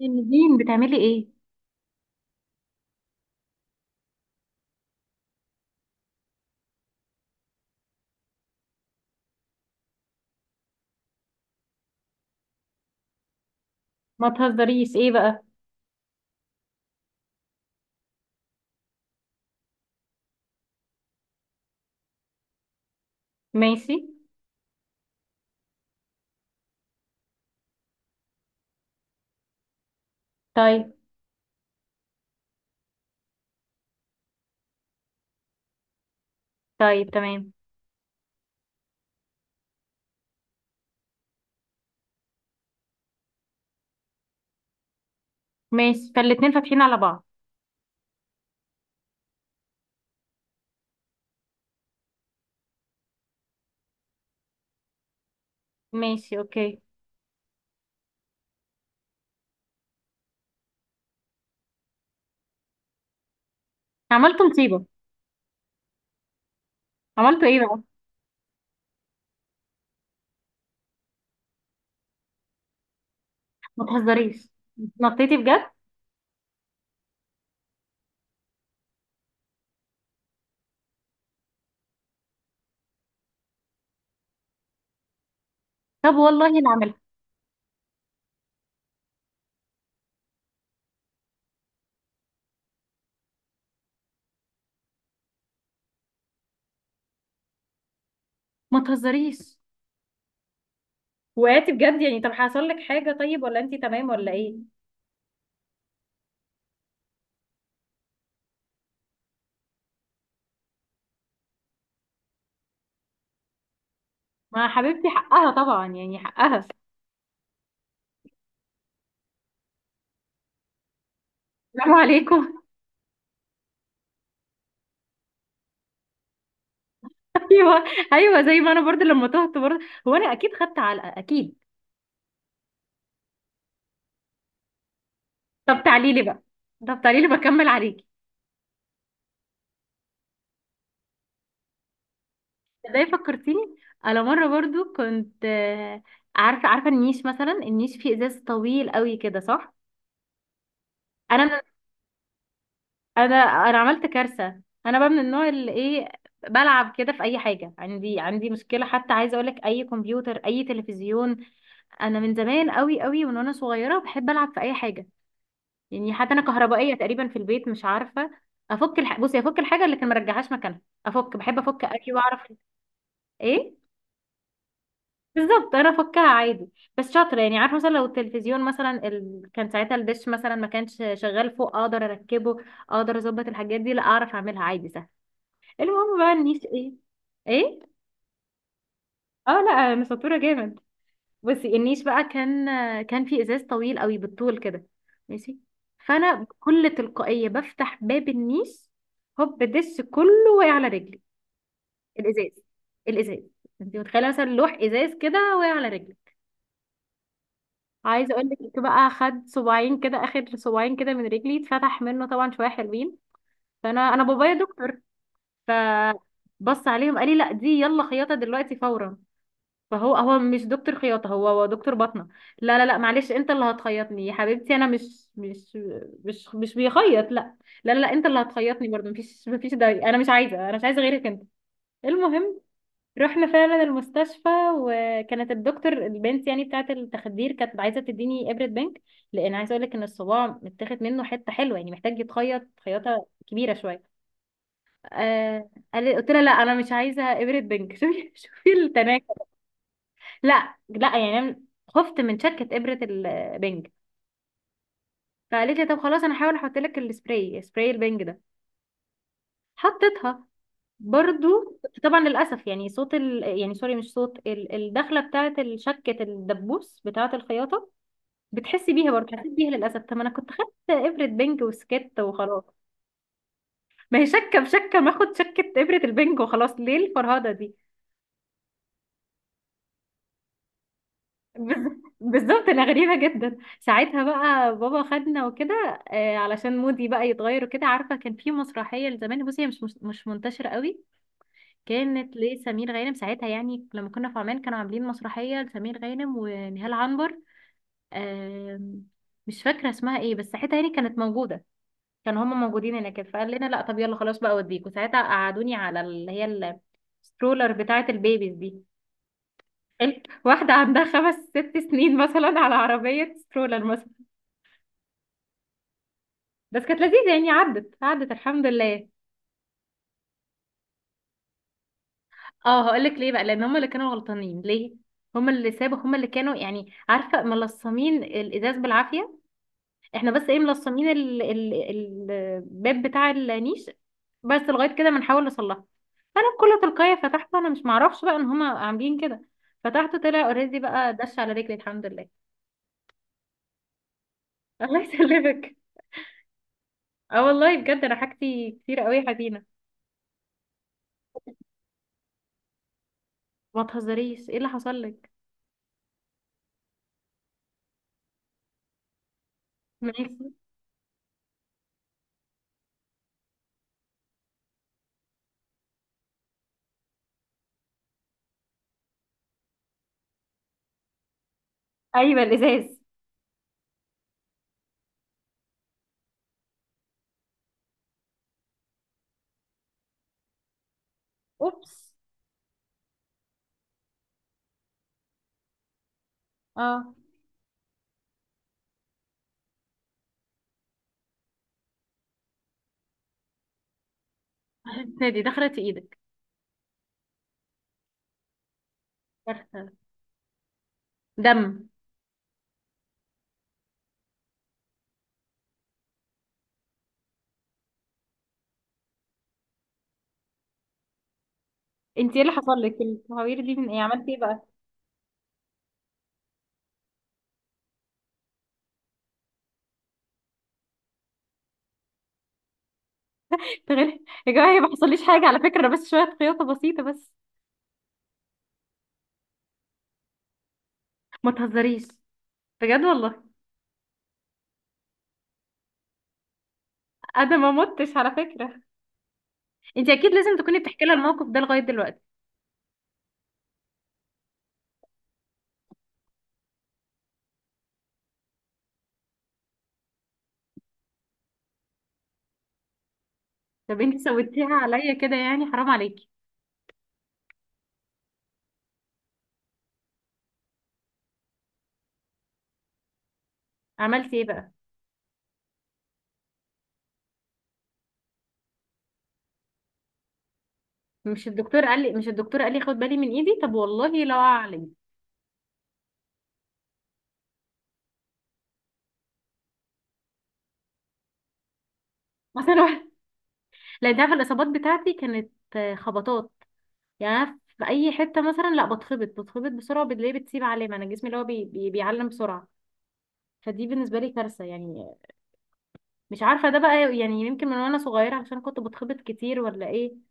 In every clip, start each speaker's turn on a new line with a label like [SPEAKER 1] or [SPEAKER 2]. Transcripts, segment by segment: [SPEAKER 1] نادين بتعملي ايه؟ ما تهزريش ايه بقى. ماشي. طيب. طيب تمام. ماشي، فالاتنين فاتحين على بعض. ماشي اوكي. عملتوا مصيبة؟ عملتوا ايه بقى؟ ما تهزريش، نطيتي بجد؟ طب والله انا اعملها. ما تهزريش، وقعتي بجد يعني؟ طب حصل لك حاجة؟ طيب ولا انتي تمام ولا ايه؟ ما حبيبتي حقها طبعا، يعني حقها. السلام عليكم. ايوه. ايوه، زي ما انا برضه لما تهت برضه. هو انا اكيد خدت علقة، اكيد. طب تعالي لي بقى. طب تعالي لي بكمل عليك. ده فكرتيني. انا مره برضو كنت عارفه عارفه النيش، مثلا النيش فيه ازاز طويل قوي كده، صح؟ انا من انا انا عملت كارثه. انا بقى من النوع اللي ايه، بلعب كده في اي حاجه. عندي مشكله حتى، عايزه اقولك، اي كمبيوتر اي تلفزيون، انا من زمان قوي من وانا صغيره بحب العب في اي حاجه. يعني حتى انا كهربائيه تقريبا في البيت، مش عارفه. بصي، افك الحاجه اللي كان مرجعهاش مكانها، افك، بحب افك، اكل واعرف ايه. بالظبط، انا فكها عادي، بس شاطره يعني. عارفه مثلا لو التلفزيون مثلا كان ساعتها الدش مثلا ما كانش شغال فوق، اقدر اركبه، اقدر اظبط الحاجات دي، لا اعرف اعملها عادي سهل. المهم بقى النيش ايه. ايه. اه لا انا شطوره جامد. بصي النيش بقى كان في ازاز طويل قوي بالطول كده. ماشي. فانا بكل تلقائيه بفتح باب النيش، هوب دش كله واقع على رجلي. الازاز، الازاز. انت متخيله مثلا لوح ازاز كده واقع على رجلي؟ عايزه اقول لك بقى، خد صباعين كده، اخر صباعين كده من رجلي اتفتح منه طبعا شويه حلوين. فانا بابايا دكتور، فبص عليهم قال لي لا دي يلا خياطه دلوقتي فورا. فهو مش دكتور خياطه، هو دكتور باطنه. لا لا لا معلش، انت اللي هتخيطني يا حبيبتي. انا مش مش بيخيط، لا. لا لا، انت اللي هتخيطني برضه. مفيش داعي، انا مش عايزه، انا مش عايزه غيرك انت. المهم رحنا فعلا المستشفى، وكانت الدكتور البنت يعني بتاعه التخدير كانت عايزه تديني ابره بنك، لان عايزه اقول لك ان الصباع متاخد منه حته حلوه، يعني محتاج يتخيط خياطه كبيره شويه. قلت لها لا انا مش عايزه ابره بنك. شوفي شوفي التناكر. لا لا، يعني أنا خفت من شكه ابره البنك. فقالت لي طب خلاص انا هحاول احط لك السبراي، سبراي البنج ده. حطيتها برضو. طبعا للاسف يعني صوت يعني سوري، مش صوت الدخله بتاعه الشكه، الدبوس بتاعه الخياطه، بتحسي بيها برضو. حسيت بيها للاسف. طب ما انا كنت خدت ابره بنج وسكت وخلاص. ما هي شكه بشكه، ما اخد شكه ابره البنج وخلاص، ليه الفرهده دي. بالظبط، انا غريبه جدا. ساعتها بقى بابا خدنا وكده، علشان مودي بقى يتغير وكده. عارفه كان في مسرحيه لزمان، بصي هي مش مش منتشره قوي، كانت لسمير غانم ساعتها. يعني لما كنا في عمان كانوا عاملين مسرحية لسمير غانم ونهال عنبر. آم، مش فاكرة اسمها ايه، بس ساعتها يعني كانت موجودة، كانوا هما موجودين هناك. فقال لنا لا طب يلا خلاص بقى اوديكوا. ساعتها قعدوني على اللي هي السترولر بتاعة البيبيز دي، واحدة عندها خمس ست سنين مثلا على عربية سترولر مثلا. بس كانت لذيذة يعني، عدت الحمد لله. اه هقولك ليه بقى، لان هم اللي كانوا غلطانين. ليه؟ هم اللي سابوا، هم اللي كانوا يعني عارفه ملصمين الازاز بالعافيه. احنا بس ايه، ملصمين الباب بتاع النيش، بس لغايه كده بنحاول نصلحه. انا بكل تلقائيه فتحته، انا مش معرفش بقى ان هم عاملين كده. فتحته طلع اوريدي بقى دش على رجلي، الحمد لله. الله يسلمك. اه والله بجد انا حاجتي كتير قوي يا حزينه. ما تهزريش، ايه اللي حصل لك؟ ماشي. ايوه، الازاز. اوبس. اه. دي دخلت في ايدك؟ دم. انت ايه اللي حصل لك؟ التهوير دي من ايه؟ عملتي ايه بقى؟ تغير. يا جماعه هي ما حصليش حاجه على فكره، انا بس شويه خياطه بسيطه بس. ما تهزريش. بجد والله، انا ما متش على فكره. انت اكيد لازم تكوني بتحكي لها الموقف ده لغايه دلوقتي. طب انت سويتيها عليا كده يعني، حرام عليكي. عملتي ايه بقى؟ مش الدكتور قال لي، مش الدكتور قال لي خد بالي من ايدي؟ طب والله لا اعلم. اصل انا لا انت عارفه الاصابات بتاعتي كانت خبطات. يعني أنا في اي حته مثلا لا بتخبط بسرعه وبتلاقيه بتسيب علامه. انا جسمي اللي هو بيعلم بسرعه، فدي بالنسبة لي كارثة يعني. مش عارفة ده بقى يعني، يمكن من وانا صغيرة عشان كنت بتخبط كتير ولا ايه.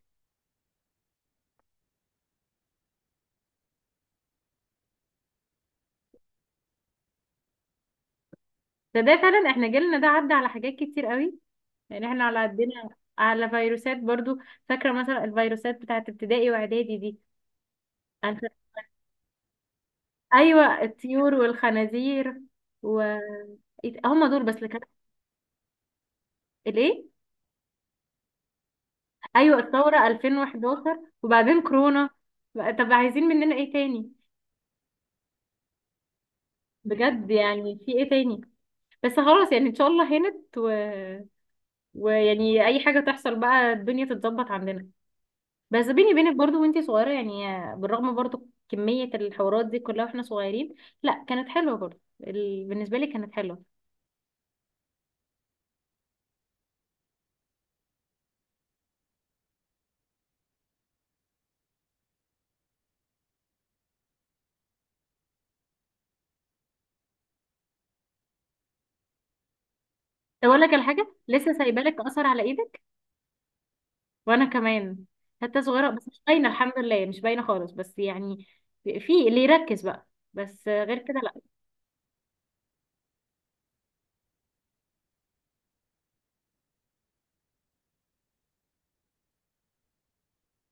[SPEAKER 1] ده فعلا احنا جيلنا ده عدى على حاجات كتير قوي، يعني احنا على قدنا. على فيروسات برضو، فاكرة مثلا الفيروسات بتاعت ابتدائي واعدادي دي. أنا فا- ايوه، الطيور والخنازير. و هم دول بس اللي كانوا. الايه. ايوه الثورة 2011 وبعدين كورونا. بقى- طب عايزين مننا ايه تاني؟ بجد يعني في ايه تاني؟ بس خلاص يعني ان شاء الله هانت، و ويعني اي حاجه تحصل بقى الدنيا تتظبط عندنا. بس بيني وبينك برضو وانتي صغيره يعني، بالرغم برضو كميه الحوارات دي كلها واحنا صغيرين، لا كانت حلوه برضو. بالنسبه لي كانت حلوه. طب اقول لك على حاجه لسه سايبه لك اثر على ايدك، وانا كمان، حتى صغيره بس مش باينه الحمد لله، مش باينه خالص، بس يعني في اللي يركز بقى، بس غير كده لا.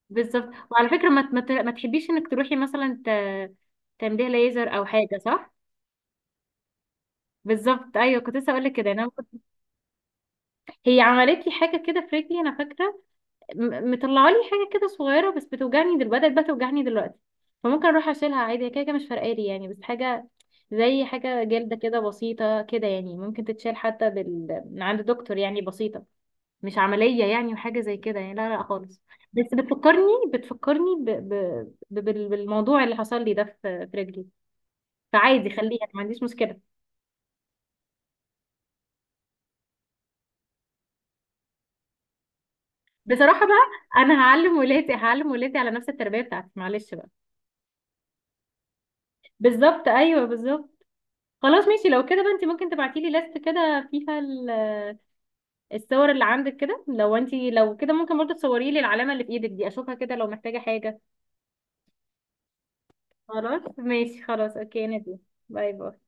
[SPEAKER 1] بالظبط. وعلى فكره، ما تحبيش انك تروحي مثلا تمليه ليزر او حاجه، صح؟ بالظبط ايوه، كنت لسه اقول لك كده يعني. انا هي عملت لي حاجه كده في رجلي انا فاكره، مطلعه لي حاجه كده صغيره، بس بتوجعني بدات بقى توجعني دلوقتي. فممكن اروح اشيلها عادي، هي كده كده مش فارقالي يعني، بس حاجه زي حاجه جلده كده بسيطه كده يعني، ممكن تتشال حتى من عند دكتور، يعني بسيطه، مش عمليه يعني. وحاجه زي كده يعني لا لا خالص. بس بتفكرني، بتفكرني بالموضوع اللي حصل لي ده في في رجلي. فعادي خليها، ما عنديش مشكله. بصراحه بقى انا هعلم ولادي، هعلم ولادي على نفس التربيه بتاعتي معلش بقى. بالظبط ايوه بالظبط. خلاص ماشي، لو كده بقى انت ممكن تبعتي لي لست كده فيها الصور اللي عندك كده. لو انت لو كده ممكن برضه تصوري لي العلامه اللي في ايدك دي اشوفها كده لو محتاجه حاجه. خلاص ماشي، خلاص اوكي نادي. باي باي.